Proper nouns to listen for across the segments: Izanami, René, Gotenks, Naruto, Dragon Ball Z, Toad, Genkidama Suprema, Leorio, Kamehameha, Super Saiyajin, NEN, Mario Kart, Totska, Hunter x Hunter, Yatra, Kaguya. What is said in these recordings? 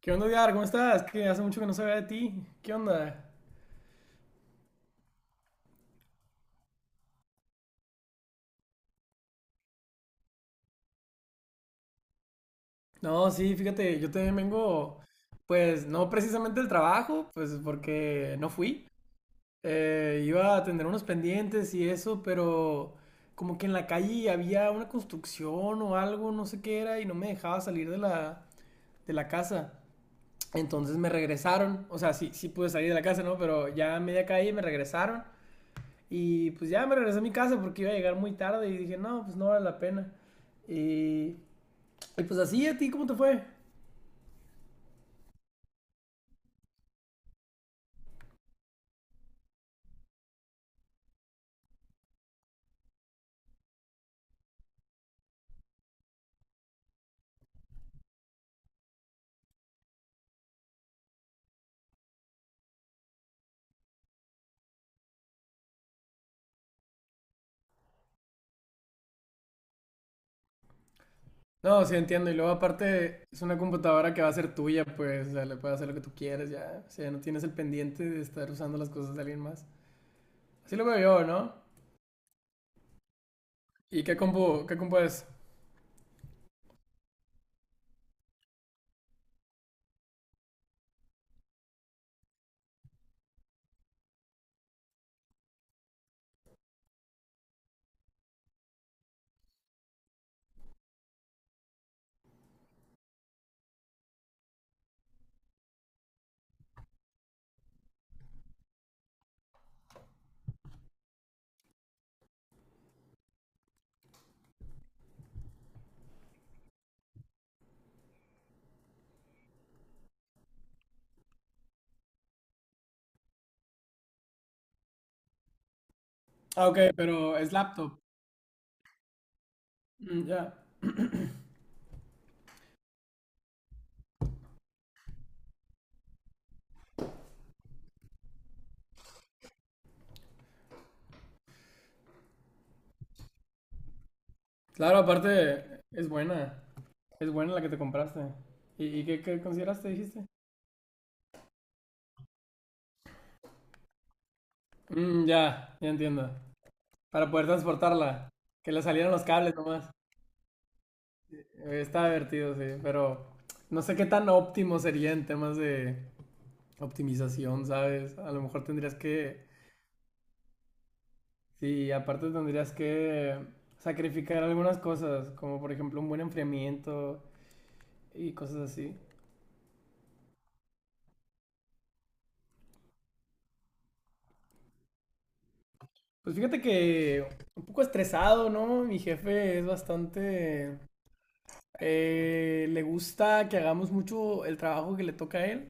¿Qué onda, Edgar? ¿Cómo estás? Que hace mucho que no sabía de ti. ¿Qué onda? No, sí, fíjate, yo también vengo, pues no precisamente del trabajo, pues porque no fui. Iba a atender unos pendientes y eso, pero como que en la calle había una construcción o algo, no sé qué era, y no me dejaba salir de la casa. Entonces me regresaron, o sea, sí, sí pude salir de la casa, ¿no? Pero ya a media calle me regresaron. Y pues ya me regresé a mi casa porque iba a llegar muy tarde y dije, no, pues no vale la pena. Y, y pues así, ¿a ti cómo te fue? No, sí entiendo. Y luego aparte es una computadora que va a ser tuya, pues, o sea, le puedes hacer lo que tú quieras, ya. O sea, no tienes el pendiente de estar usando las cosas de alguien más. Así lo veo yo, ¿no? ¿Y qué compu es? Ah, ok, pero es laptop. Mm, ya. Claro, aparte es buena. Es buena la que te compraste. Y qué, qué consideraste, dijiste? Mm, ya, ya entiendo. Para poder transportarla. Que le salieran los cables nomás. Está divertido, sí, pero no sé qué tan óptimo sería en temas de optimización, ¿sabes? A lo mejor tendrías que, sí, aparte tendrías que sacrificar algunas cosas, como por ejemplo un buen enfriamiento y cosas así. Pues fíjate que un poco estresado, ¿no? Mi jefe es bastante... le gusta que hagamos mucho el trabajo que le toca a él.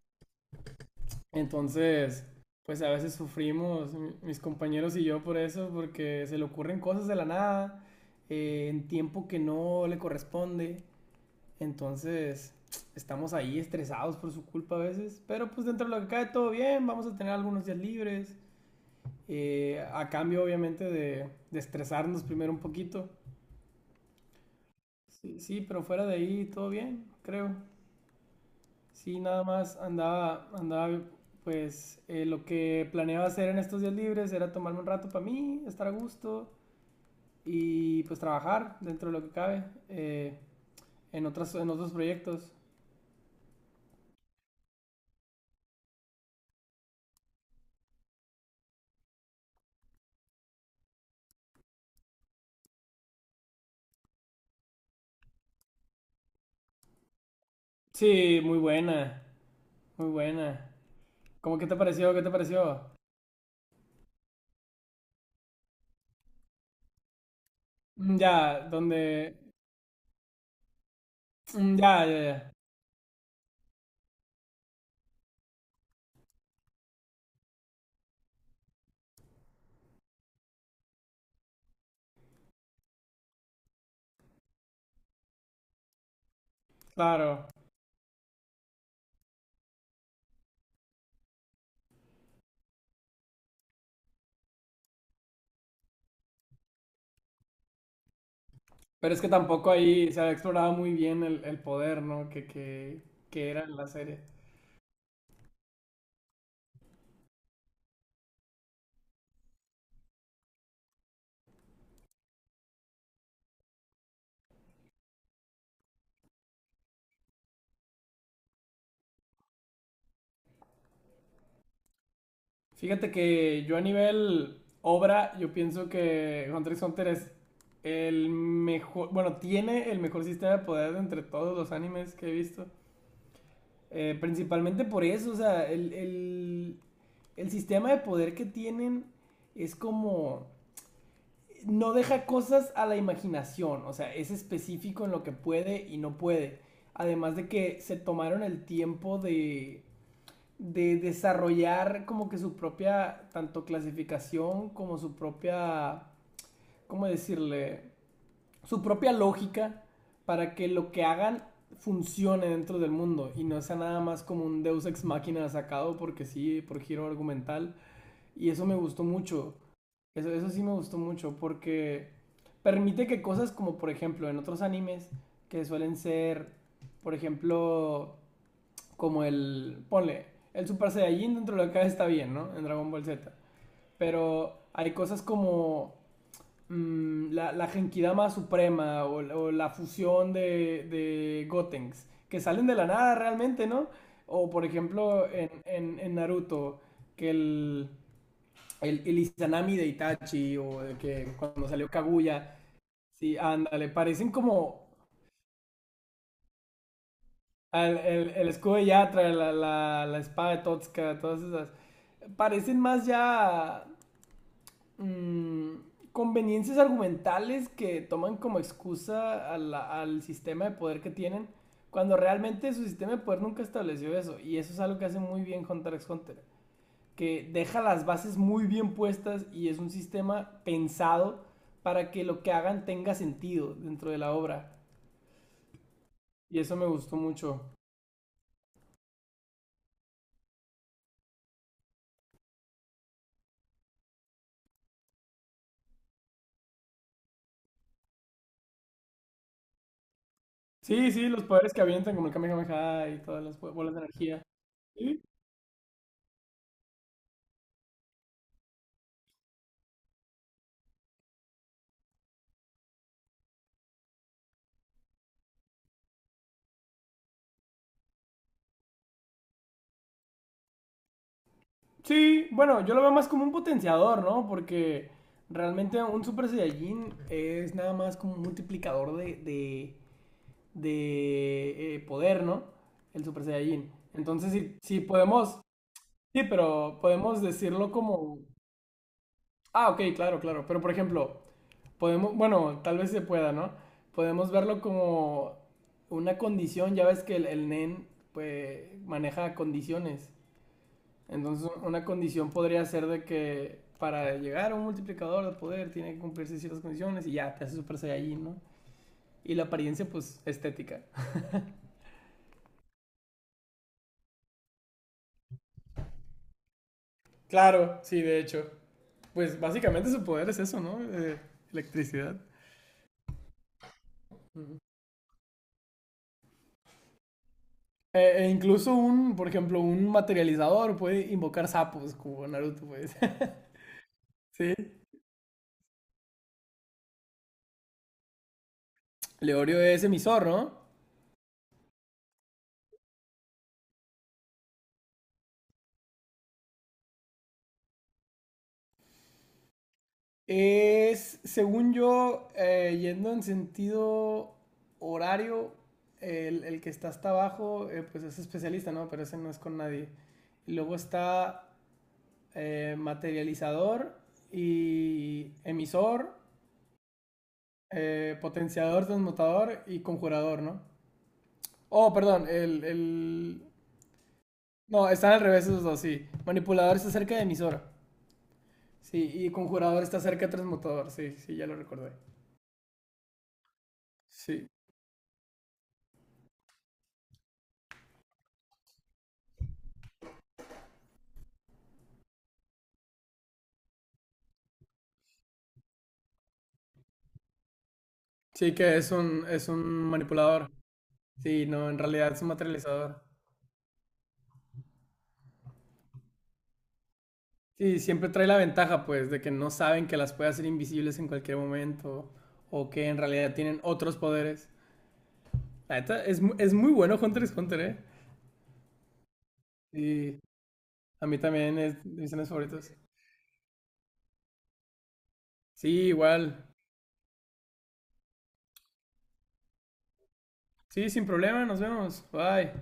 Entonces, pues a veces sufrimos, mis compañeros y yo, por eso, porque se le ocurren cosas de la nada, en tiempo que no le corresponde. Entonces, estamos ahí estresados por su culpa a veces, pero pues dentro de lo que cae todo bien, vamos a tener algunos días libres, a cambio obviamente de estresarnos primero un poquito. Sí, sí, pero fuera de ahí todo bien, creo. Sí, nada más andaba, pues lo que planeaba hacer en estos días libres era tomarme un rato para mí, estar a gusto y pues trabajar dentro de lo que cabe, eh, en otros proyectos. Sí, muy buena, muy buena. ¿Cómo qué te pareció? ¿Qué te pareció? Mm, ya, donde... Mm, ya, ya, ya. Claro. Pero es que tampoco ahí se había explorado muy bien el poder, ¿no? Que era en la serie. Fíjate que yo a nivel obra, yo pienso que Hunter x Hunter es el mejor, bueno, tiene el mejor sistema de poder entre todos los animes que he visto. Principalmente por eso, o sea, el sistema de poder que tienen es como, no deja cosas a la imaginación, o sea, es específico en lo que puede y no puede. Además de que se tomaron el tiempo de desarrollar como que su propia, tanto clasificación como su propia, ¿cómo decirle? Su propia lógica para que lo que hagan funcione dentro del mundo y no sea nada más como un Deus ex máquina sacado porque sí, por giro argumental. Y eso me gustó mucho. Eso sí me gustó mucho porque permite que cosas como por ejemplo en otros animes que suelen ser, por ejemplo, como el, ponle, el Super Saiyajin dentro de acá está bien, ¿no? En Dragon Ball Z. Pero hay cosas como mm, la Genkidama Suprema o la fusión de Gotenks, que salen de la nada realmente, ¿no? O por ejemplo en Naruto, que el Izanami de Itachi o de que cuando salió Kaguya, sí, ándale, parecen como el escudo de Yatra, la espada de Totska, todas esas. Parecen más ya mm, conveniencias argumentales que toman como excusa a al sistema de poder que tienen, cuando realmente su sistema de poder nunca estableció eso. Y eso es algo que hace muy bien Hunter x Hunter, que deja las bases muy bien puestas y es un sistema pensado para que lo que hagan tenga sentido dentro de la obra. Y eso me gustó mucho. Sí, sí, los poderes que avientan, como el Kamehameha y todas las bolas de energía. Sí, sí, bueno, yo lo veo más como un potenciador, ¿no? Porque realmente un Super Saiyajin es nada más como un multiplicador de poder, ¿no? El Super Saiyajin. Entonces, sí, sí podemos, sí, pero podemos decirlo como... Ah, ok, claro, claro. Pero, por ejemplo, podemos, bueno, tal vez se pueda, ¿no? Podemos verlo como una condición, ya ves que el NEN pues, maneja condiciones. Entonces, una condición podría ser de que para llegar a un multiplicador de poder tiene que cumplirse ciertas condiciones y ya, te hace Super Saiyajin, ¿no? Y la apariencia, pues, estética. Claro, sí, de hecho. Pues básicamente su poder es eso, ¿no? Electricidad. Uh-huh. E incluso un, por ejemplo, un materializador puede invocar sapos como Naruto, pues. Sí, Leorio es emisor, ¿no? Es, según yo, yendo en sentido horario, el que está hasta abajo, pues es especialista, ¿no? Pero ese no es con nadie. Y luego está materializador y emisor, potenciador, transmutador y conjurador, ¿no? Oh, perdón, el... No, están al revés esos dos, sí. Manipulador está cerca de emisor. Sí, y conjurador está cerca de transmutador, sí, sí, ya lo recordé. Sí, sí que es es un manipulador. Sí, no, en realidad es un materializador. Sí, siempre trae la ventaja, pues, de que no saben que las puede hacer invisibles en cualquier momento o que en realidad tienen otros poderes. La neta, es, es muy bueno Hunter x Hunter, ¿eh? Sí, a mí también es de mis animes favoritos. Sí, igual. Sí, sin problema, nos vemos. Bye.